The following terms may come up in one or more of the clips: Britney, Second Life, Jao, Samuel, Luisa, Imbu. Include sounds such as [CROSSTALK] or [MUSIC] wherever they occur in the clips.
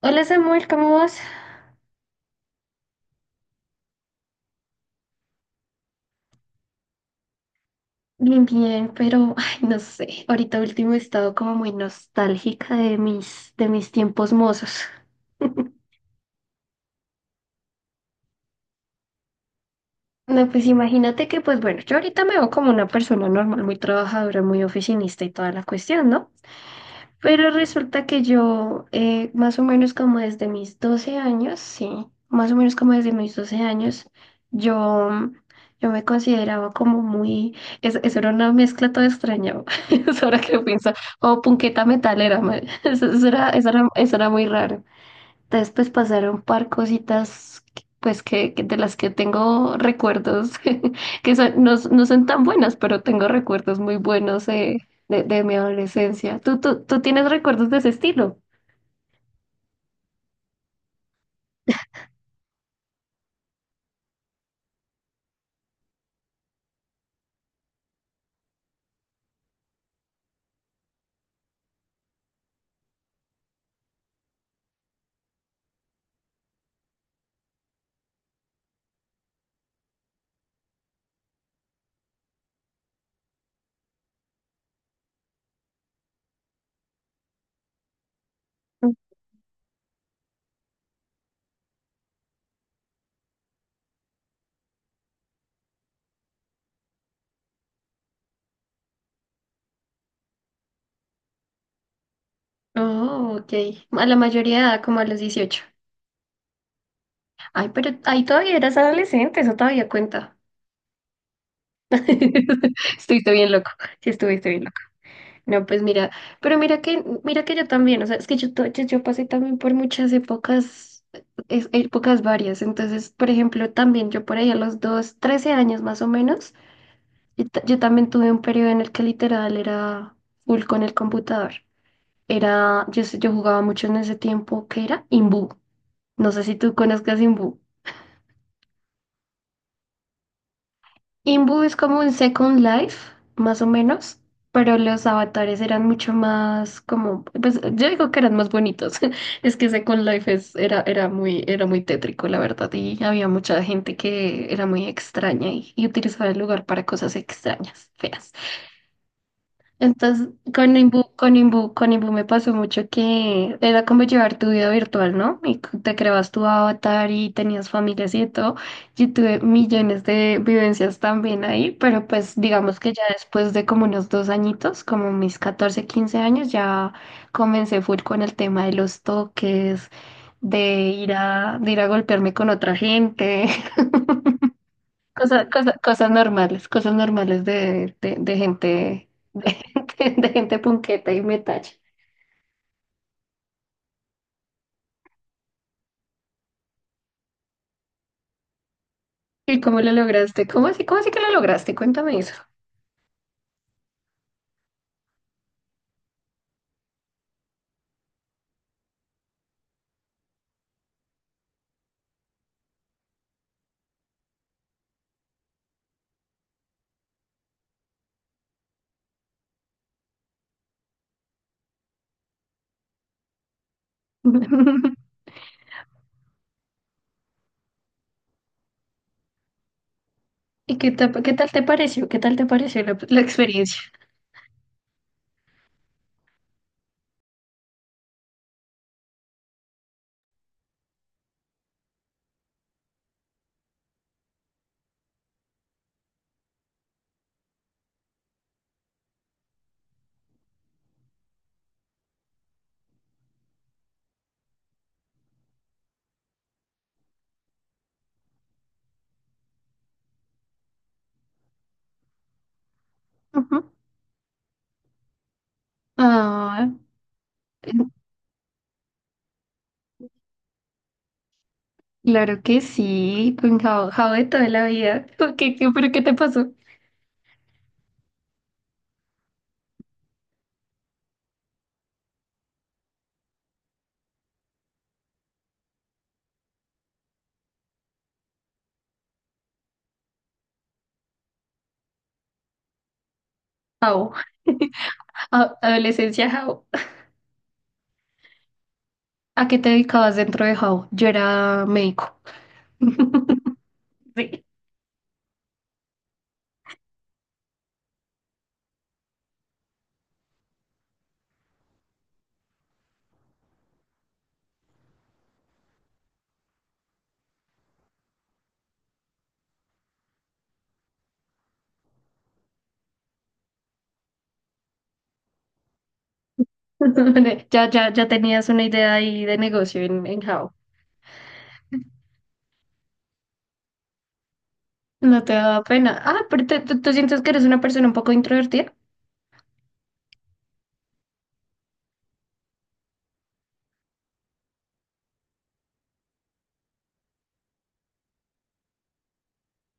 Hola Samuel, ¿cómo vas? Bien, bien, pero ay, no sé, ahorita último he estado como muy nostálgica de mis tiempos mozos. [LAUGHS] No, pues imagínate que, pues bueno, yo ahorita me veo como una persona normal, muy trabajadora, muy oficinista y toda la cuestión, ¿no? Pero resulta que yo, más o menos como desde mis 12 años, sí, más o menos como desde mis 12 años, yo, yo me consideraba como muy, eso era una mezcla toda extraña, [LAUGHS] eso ahora que pienso, o punqueta metalera, [LAUGHS] eso era muy raro. Después pasaron un par cositas, que de las que tengo recuerdos, [LAUGHS] que son- no, s- no son tan buenas, pero tengo recuerdos muy buenos de mi adolescencia. ¿Tú tienes recuerdos de ese estilo? Oh, ok. A la mayoría de edad, como a los 18. Ay, pero ahí todavía eras adolescente, eso todavía cuenta. [LAUGHS] Estuviste bien loco. Sí, estuviste bien. No, pues mira, pero mira que yo también, o sea, es que yo, yo pasé también por muchas épocas, épocas varias. Entonces, por ejemplo, también yo por ahí a los dos, 13 años más o menos, yo también tuve un periodo en el que literal era full con el computador. Era, yo jugaba mucho en ese tiempo que era Imbu, no sé si tú conozcas Imbu. Imbu es como un Second Life, más o menos, pero los avatares eran mucho más como, pues yo digo que eran más bonitos. [LAUGHS] Es que Second Life es, era, era muy tétrico, la verdad, y había mucha gente que era muy extraña y utilizaba el lugar para cosas extrañas, feas. Entonces, con Imbu me pasó mucho que era como llevar tu vida virtual, ¿no? Y te creabas tu avatar y tenías familias y de todo. Yo tuve millones de vivencias también ahí, pero pues digamos que ya después de como unos dos añitos, como mis 14, 15 años, ya comencé full con el tema de los toques, de ir a golpearme con otra gente, cosas normales de, de gente, [LAUGHS] de gente punqueta y metacha. ¿Y cómo lo lograste? Cómo así que lo lograste? Cuéntame eso. [LAUGHS] ¿Y qué tal te pareció? ¿Qué tal te pareció la experiencia? Ujú. Ah, claro que sí, con Jao, Jao de toda la vida. ¿Por ¿Qué, pero qué te pasó? Jao. [LAUGHS] A- Adolescencia Jao. ¿A qué te dedicabas dentro de Jao? Yo era médico. [LAUGHS] Sí. [LAUGHS] Ya tenías una idea ahí de negocio en How. No te da pena. Ah, pero tú sientes que eres una persona un poco introvertida.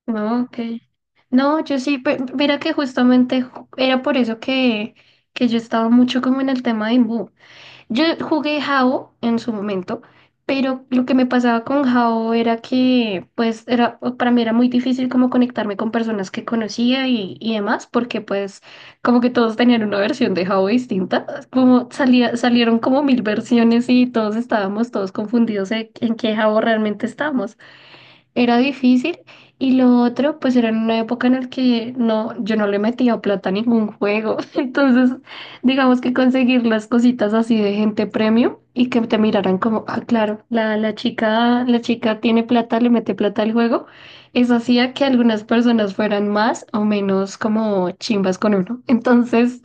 No, ok. No, yo sí, mira que justamente era por eso que yo estaba mucho como en el tema de Imbu. Yo jugué Jao en su momento, pero lo que me pasaba con Jao era que, pues, era, para mí era muy difícil como conectarme con personas que conocía y demás, porque pues como que todos tenían una versión de Jao distinta, como salía, salieron como mil versiones y todos estábamos todos confundidos en qué Jao realmente estábamos. Era difícil. Y lo otro, pues era en una época en la que no, yo no le metía plata a ningún juego. [LAUGHS] Entonces, digamos que conseguir las cositas así de gente premium y que te miraran como, ah, claro, la chica, la chica tiene plata, le mete plata al juego. Eso hacía que algunas personas fueran más o menos como chimbas con uno. Entonces,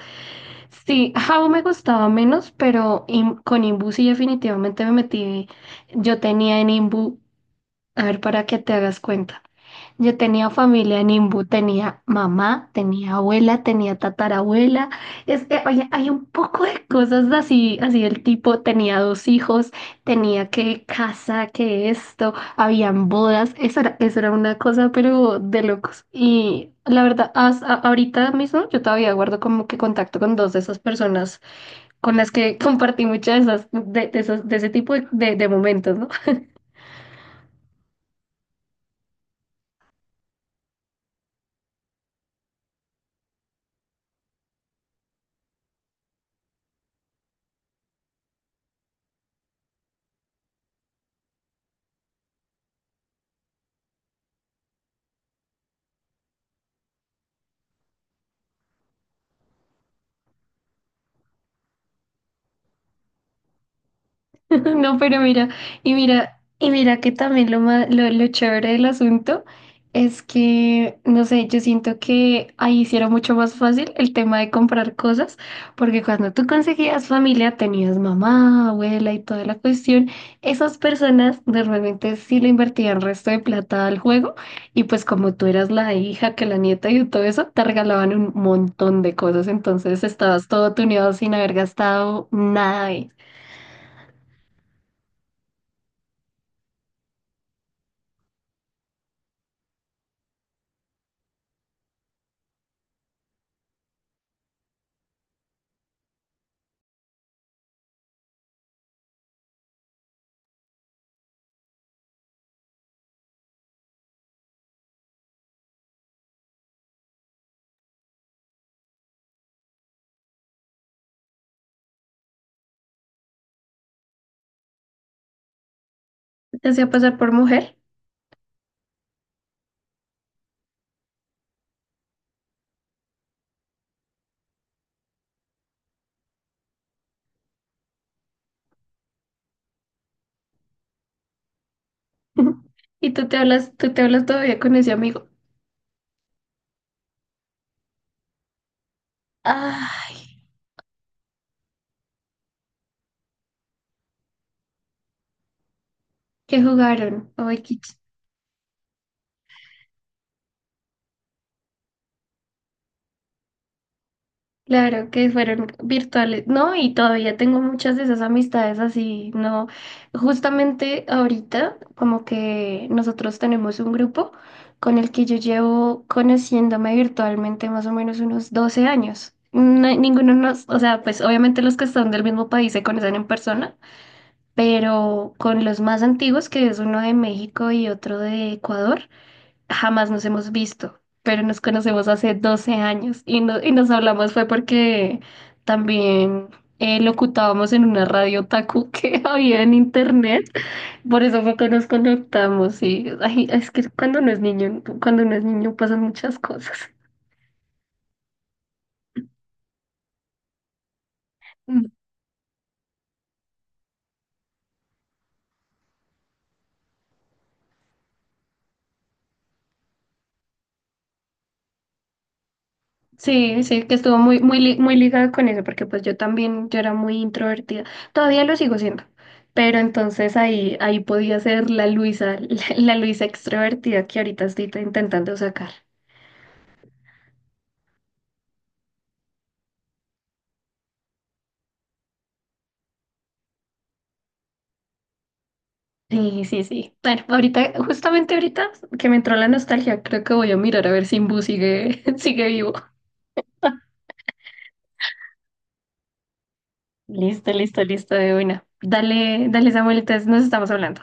sí, Jabo me gustaba menos, pero con Imbu sí definitivamente me metí. Yo tenía en Imbu, a ver, para que te hagas cuenta. Yo tenía familia en Imbu, tenía mamá, tenía abuela, tenía tatarabuela. Es que, oye, hay un poco de cosas así, así el tipo tenía dos hijos, tenía que casa, que esto, habían bodas, eso era una cosa, pero de locos. Y la verdad, ahorita mismo yo todavía guardo como que contacto con dos de esas personas con las que [LAUGHS] compartí muchas de esas, de, de ese tipo de, de momentos, ¿no? [LAUGHS] No, pero mira, y mira, y mira que también lo chévere del asunto es que, no sé, yo siento que ahí sí era mucho más fácil el tema de comprar cosas, porque cuando tú conseguías familia, tenías mamá, abuela y toda la cuestión, esas personas normalmente sí le invertían resto de plata al juego, y pues como tú eras la hija, que la nieta y todo eso, te regalaban un montón de cosas, entonces estabas todo tuneado sin haber gastado nada. Y te hacía pasar por mujer. [LAUGHS] Y tú te hablas todavía con ese amigo. Ah, que jugaron. Ay, claro, que fueron virtuales. No, y todavía tengo muchas de esas amistades así, no. Justamente ahorita, como que nosotros tenemos un grupo con el que yo llevo conociéndome virtualmente más o menos unos 12 años. Ninguno nos, o sea, pues obviamente los que están del mismo país se conocen en persona, pero con los más antiguos, que es uno de México y otro de Ecuador, jamás nos hemos visto, pero nos conocemos hace 12 años y, y nos hablamos fue porque también locutábamos en una radio taku que [LAUGHS] había en internet, por eso fue que nos conectamos. Y ay, es que cuando uno es niño, cuando uno es niño pasan muchas cosas. Sí, sí, que estuvo muy, muy ligado con eso, porque pues yo también, yo era muy introvertida, todavía lo sigo siendo, pero entonces ahí, ahí podía ser la Luisa, [LAUGHS] la Luisa extrovertida que ahorita estoy intentando sacar. Sí, sí, sí. Bueno, ahorita, justamente ahorita que me entró la nostalgia, creo que voy a mirar a ver si Imbu sigue, [LAUGHS] sigue vivo. Listo, listo, listo, de buena. Dale, dale, Samuel, entonces nos estamos hablando.